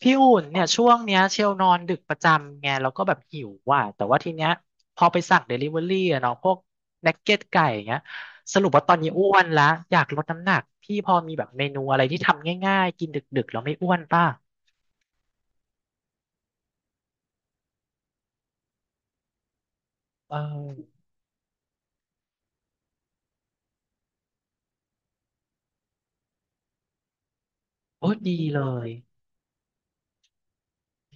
พี่อุ่นเนี่ยช่วงเนี้ยเชลนอนดึกประจำไงแล้วก็แบบหิวว่ะแต่ว่าทีเนี้ยพอไปสั่งเดลิเวอรี่อะเนาะพวกนักเก็ตไก่อย่างเงี้ยสรุปว่าตอนนี้อ้วนละอยากลดน้ำหนักพี่พอมีแบบเมนูอะไรที่ทำง่ายๆกินดึกๆแล้วไม่อ้วนป่ะเออโอ้ดีเลย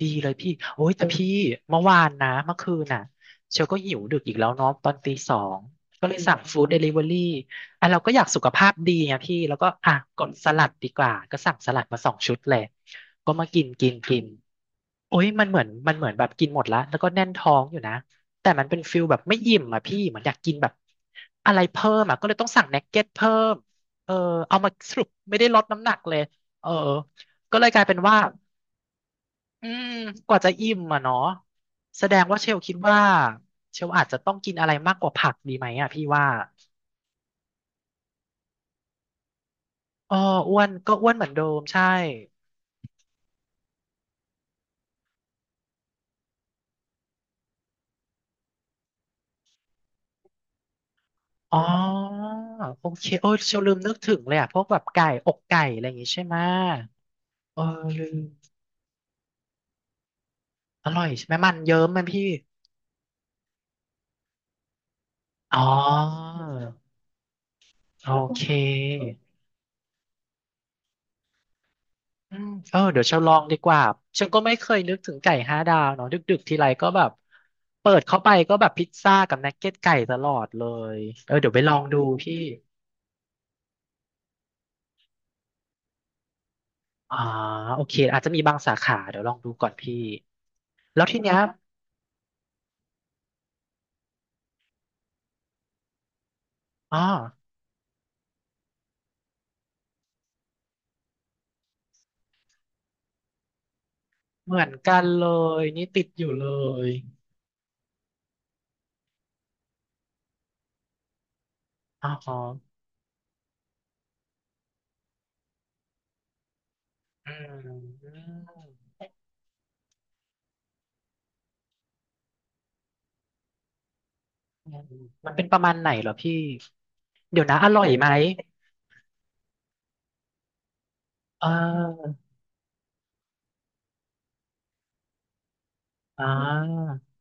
ดีเลยพี่โอ้ยแต่พี่เมื่อวานนะเมื่อคืนน่ะเชลก็หิวดึกอีกแล้วเนาะตอนตีสองก็เลยสั่งฟู้ดเดลิเวอรี่อ่ะเราก็อยากสุขภาพดีไงพี่แล้วก็อ่ะกดสลัดดีกว่าก็สั่งสลัดมาสองชุดเลยก็มากินกินกินโอ้ยมันเหมือนแบบกินหมดละแล้วก็แน่นท้องอยู่นะแต่มันเป็นฟิลแบบไม่อิ่มอ่ะพี่เหมือนอยากกินแบบอะไรเพิ่มอ่ะก็เลยต้องสั่งเนกเก็ตเพิ่มเออเอามาสรุปไม่ได้ลดน้ำหนักเลยเออก็เลยกลายเป็นว่า อืมกว่าจะอิ่มอ่ะเนาะแสดงว่าเชลคิดว่าเชลอาจจะต้องกินอะไรมากกว่าผักดีไหมอ่ะพี่ว่าอ๋ออ้วนก็อ้วนเหมือนเดิมใช่อ๋อโอเคโอ้ยเชลลืมนึกถึงเลยอ่ะพวกแบบไก่อกไก่อะไรอย่างงี้ใช่ไหมเออลืมอร่อยใช่ไหมมันเยิ้มมันพี่อ๋อโอเค อืมเออเดี๋ยวฉันลองดีกว่าฉันก็ไม่เคยนึกถึงไก่ห้าดาวเนาะดึกๆทีไรก็แบบเปิดเข้าไปก็แบบพิซซ่ากับนักเก็ตไก่ตลอดเลยเออเดี๋ยวไปลองดูพี่อ่าโอเคอาจจะมีบางสาขาเดี๋ยวลองดูก่อนพี่แล้วทีเนี้ยอ๋อเหมือนกันเลยนี่ติดอยู่เลยอ๋ออืมมมันเป็นประมาณไหนเหรอพี่เดี๋ยวนะอร่อยไหมเอออ่า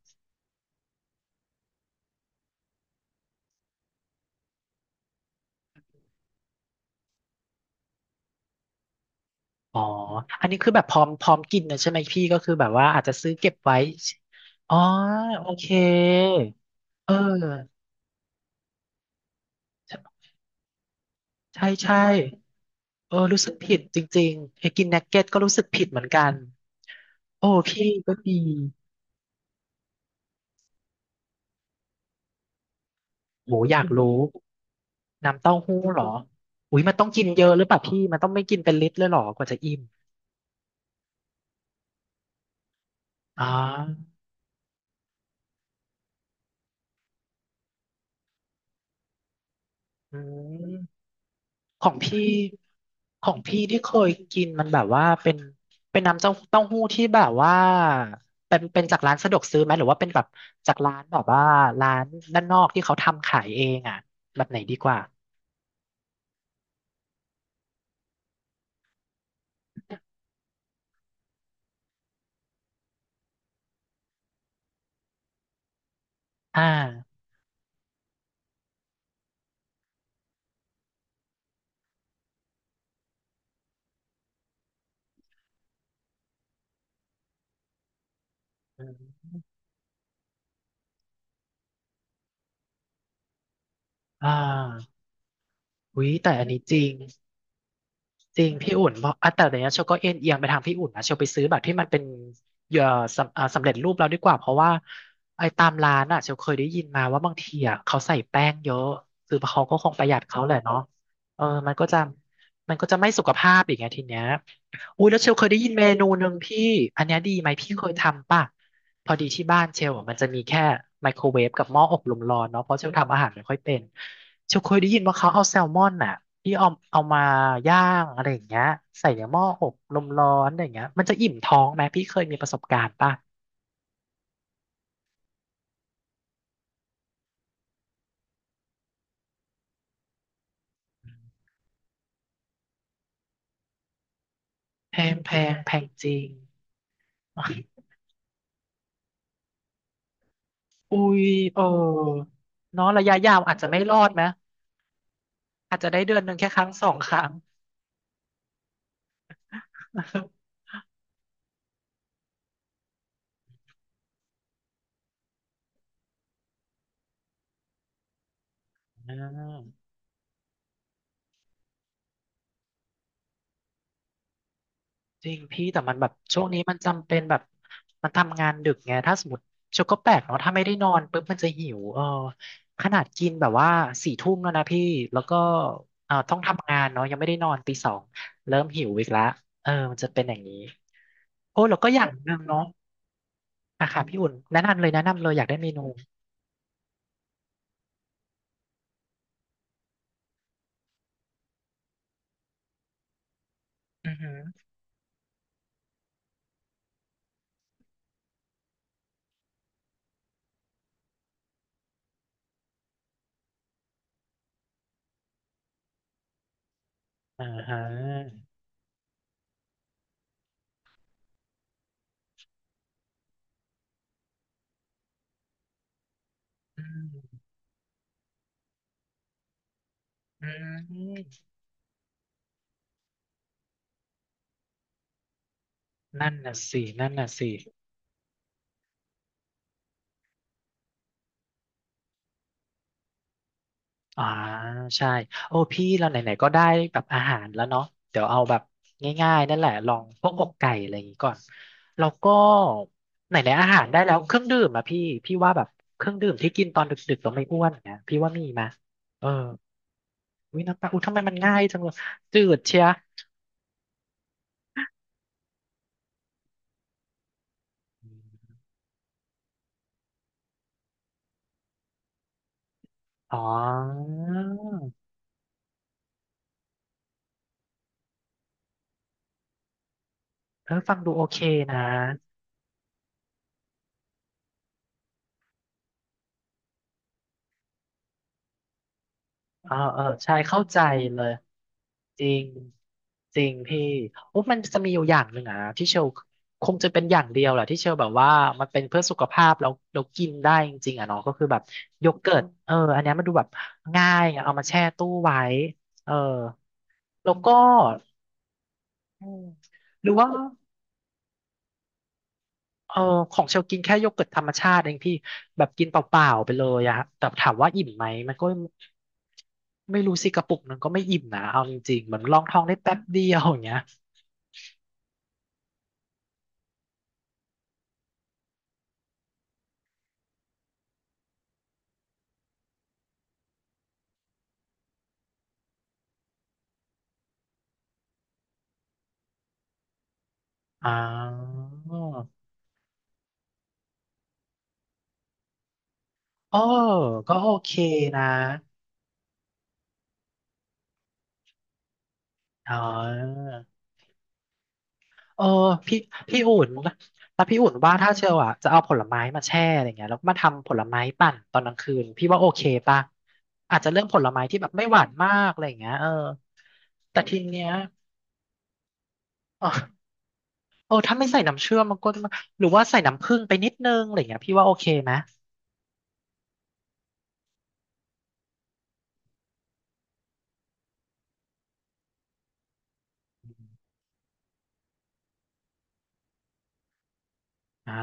อ๋ออันนี้คือแบบพร้อมกินนะใช่ไหมพี่ก็คือแบบว่าอาจจะซื้อเก็บไว้อ๋อโอเคเออใช่ใช่เออรู้สึกผิดจริงๆไอ้กินนักเก็ตก็รู้สึกผิดเหมือนกันโอ้พี่ก็ดีโหอยากรู้น้ำเต้าหู้เหรออุ้ยมันต้องกินเยอะหรือเปล่าพี่มันต้องไม่กินเป็นลิตรเลยเหรอกว่าจะอิ่มอ๋ออืม ของพี่ของพี่ที่เคยกินมันแบบว่าเป็นน้ำเต้าเต้าหู้ที่แบบว่าเป็นจากร้านสะดวกซื้อไหมหรือว่าเป็นแบบจากร้านแบบว่าร้านด้านนอกที่เขาทำขายเองอ่ะแบบไหนดีกว่าอ่าอมอ่าอุ๊ยแต่อันนี้จริง จริงพี่อุ่นเพราะอ่ะแต่เดี๋ยวนี้เชลก็เอ็นเอียงไปทางพี่อุ่นนะเชลไปซื้อแบบที่มันเป็นเอ่อสำอ่าสำเร็จรูปแล้วดีกว่าเพราะว่าไอ้ตามร้านอ่ะเชลเคยได้ยินมาว่าบางทีอ่ะเขาใส่แป้งเยอะคือเขาก็คงประหยัดเขาแหละเนาะเออมันก็จะไม่สุขภาพอีกไงทีเนี้ยอุ้ยแล้วเชลเคยได้ยินเมนูหนึ่งพี่อันเนี้ยดีไหมพี่เคยทำป่ะ พอดีที่บ้านเชลอะมันจะมีแค่ไมโครเวฟกับหม้ออบลมร้อนเนาะเพราะเชลทำอาหารไม่ค่อยเป็นเชลเคยได้ยินว่าเขาเอาแซลมอนน่ะที่เอามาย่างอะไรอย่างเงี้ยใส่ในหม้ออบลมร้อนอะไรอย่างเงี้ยมันจะอิ่มท้องไหมพี่เคยมีประสบการณ์ป่ะแพงจริง อุ้ยเออเนาะระยะยาวอาจจะไม่รอดไหมอาจจะได้เดือนหนึ่งแค่ครั้งสองครั้ง อ่า จริงพี่แต่มันแบบช่วงนี้มันจำเป็นแบบมันทำงานดึกไงถ้าสมมติชกก็แปลกเนาะถ้าไม่ได้นอนปุ๊บมันจะหิวเออขนาดกินแบบว่าสี่ทุ่มแล้วนะพี่แล้วก็ต้องทำงานเนาะยังไม่ได้นอนตีสองเริ่มหิวอีกแล้วเออมันจะเป็นอย่างนี้โอ้แล้วก็อย่างหนึ่งเนาะอะค่ะพี่อุ่นแนะนำเลยแนะนำเลยอยากได้เมนูอือหืออ่าฮะอืมอืมนั่นน่ะสิ อ่าใช่โอ้พี่เราไหนๆก็ได้แบบอาหารแล้วเนาะเดี๋ยวเอาแบบง่ายๆนั่นแหละลองพวกอกไก่อะไรอย่างงี้ก่อนแล้วก็ไหนๆอาหารได้แล้วเครื่องดื่มอะพี่พี่ว่าแบบเครื่องดื่มที่กินตอนดึกๆต้องไม่อ้วนนะพี่ว่ามีมาเออวิน้ำปลาอุ้ยทำไมมันง่ายจังเลยจืดเชียอ๋อเออฟังดูโอเคนะ เออใช่เข้าใจเลยจริงจริงพี่โอ้มันจะมีอยู่อย่างหนึ่งอ่ะที่เชลคงจะเป็นอย่างเดียวแหละที่เชลแบบว่ามันเป็นเพื่อสุขภาพแล้วเรากินได้จริงๆอ่ะเนาะก็คือแบบโยเกิร์ตอันเนี้ยมันดูแบบง่ายอะเอามาแช่ตู้ไว้เออแล้วก็อืมหรือว่า เออของเชลกินแค่โยเกิร์ตธรรมชาติเองพี่แบบกินเปล่าๆไปเลยอะฮะแต่ถามว่าอิ่มไหมมันก็ไม่รู้สิกระปุกนึงก็ไม่อิ่มนะเอาจริงๆเหมือนลองท้องได้แป๊บเดียวอย่างเงี้ยอ่าเออก็โอเคนะอ๋อเออพี่พี่อุ่นแล้วพี่อุ่นว่าถ้าเชลอะจะเอาผลไม้มาแช่อะไรเงี้ยแล้วมาทำผลไม้ปั่นตอนกลางคืนพี่ว่าโอเคป่ะอาจจะเลือกผลไม้ที่แบบไม่หวานมากอะไรเงี้ยเออแต่ทีเนี้ย โอ้ถ้าไม่ใส่น้ำเชื่อมมันก็จะหรือว่าใส่น้ำผึ้งไปนิดนึงอะไรอย่างเงี้ยพี่ว่าโอเคไหมอ่า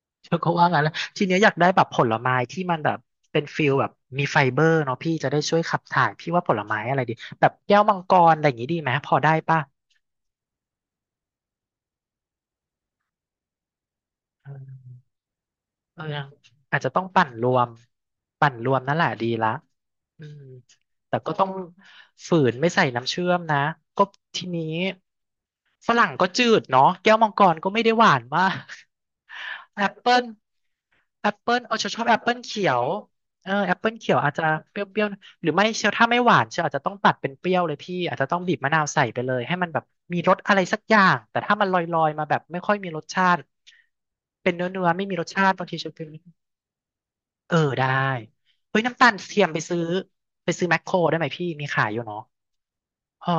เธอก็ว่างั้นแล้วทีเนี้ยอยากได้แบบผลไม้ที่มันแบบเป็นฟิลแบบมีไฟเบอร์เนาะพี่จะได้ช่วยขับถ่ายพี่ว่าผลไม้อะไรดีแบบแก้วมังกรอะไรอย่างงี้ดีไหมพอได้ป่ะ เออยังอาจจะต้องปั่นรวมนั่นแหละดีละอืมแต่ก็ต้องฝืนไม่ใส่น้ำเชื่อมนะก็ทีนี้ฝรั่งก็จืดเนาะแก้วมังกรก็ไม่ได้หวานมากแอปเปิลแอปเปิลเอาชอบชอบแอปเปิลเขียวเออแอปเปิลเขียวอาจจะเปรี้ยวๆหรือไม่เชียวถ้าไม่หวานเชียวอาจจะต้องตัดเป็นเปรี้ยวเลยพี่อาจจะต้องบีบมะนาวใส่ไปเลยให้มันแบบมีรสอะไรสักอย่างแต่ถ้ามันลอยๆมาแบบไม่ค่อยมีรสชาติเป็นเนื้อๆไม่มีรสชาติบางทีเชียว เออได้เฮ้ยน้ำตาลเทียมไปซื้อแมคโครได้ไหมพี่มีขายอยู่เนาะเออ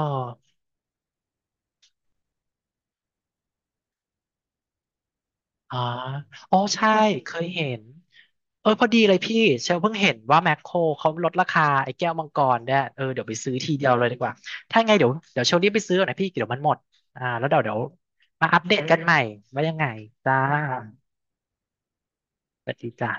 อ๋ออ๋อใช่เคยเห็นเออพอดีเลยพี่เชลเพิ่งเห็นว่าแมคโครเขาลดราคาไอ้แก้วมังกรเนี่ยเออเดี๋ยวไปซื้อทีเดียวเลยดีกว่าถ้าไงเดี๋ยวเชลรีบไปซื้อก่อนนะพี่เดี๋ยวมันหมดอ่าแล้วเดี๋ยวมาอัปเดตกันใหม่ว่ายังไงจ้าสวัสดีจ้า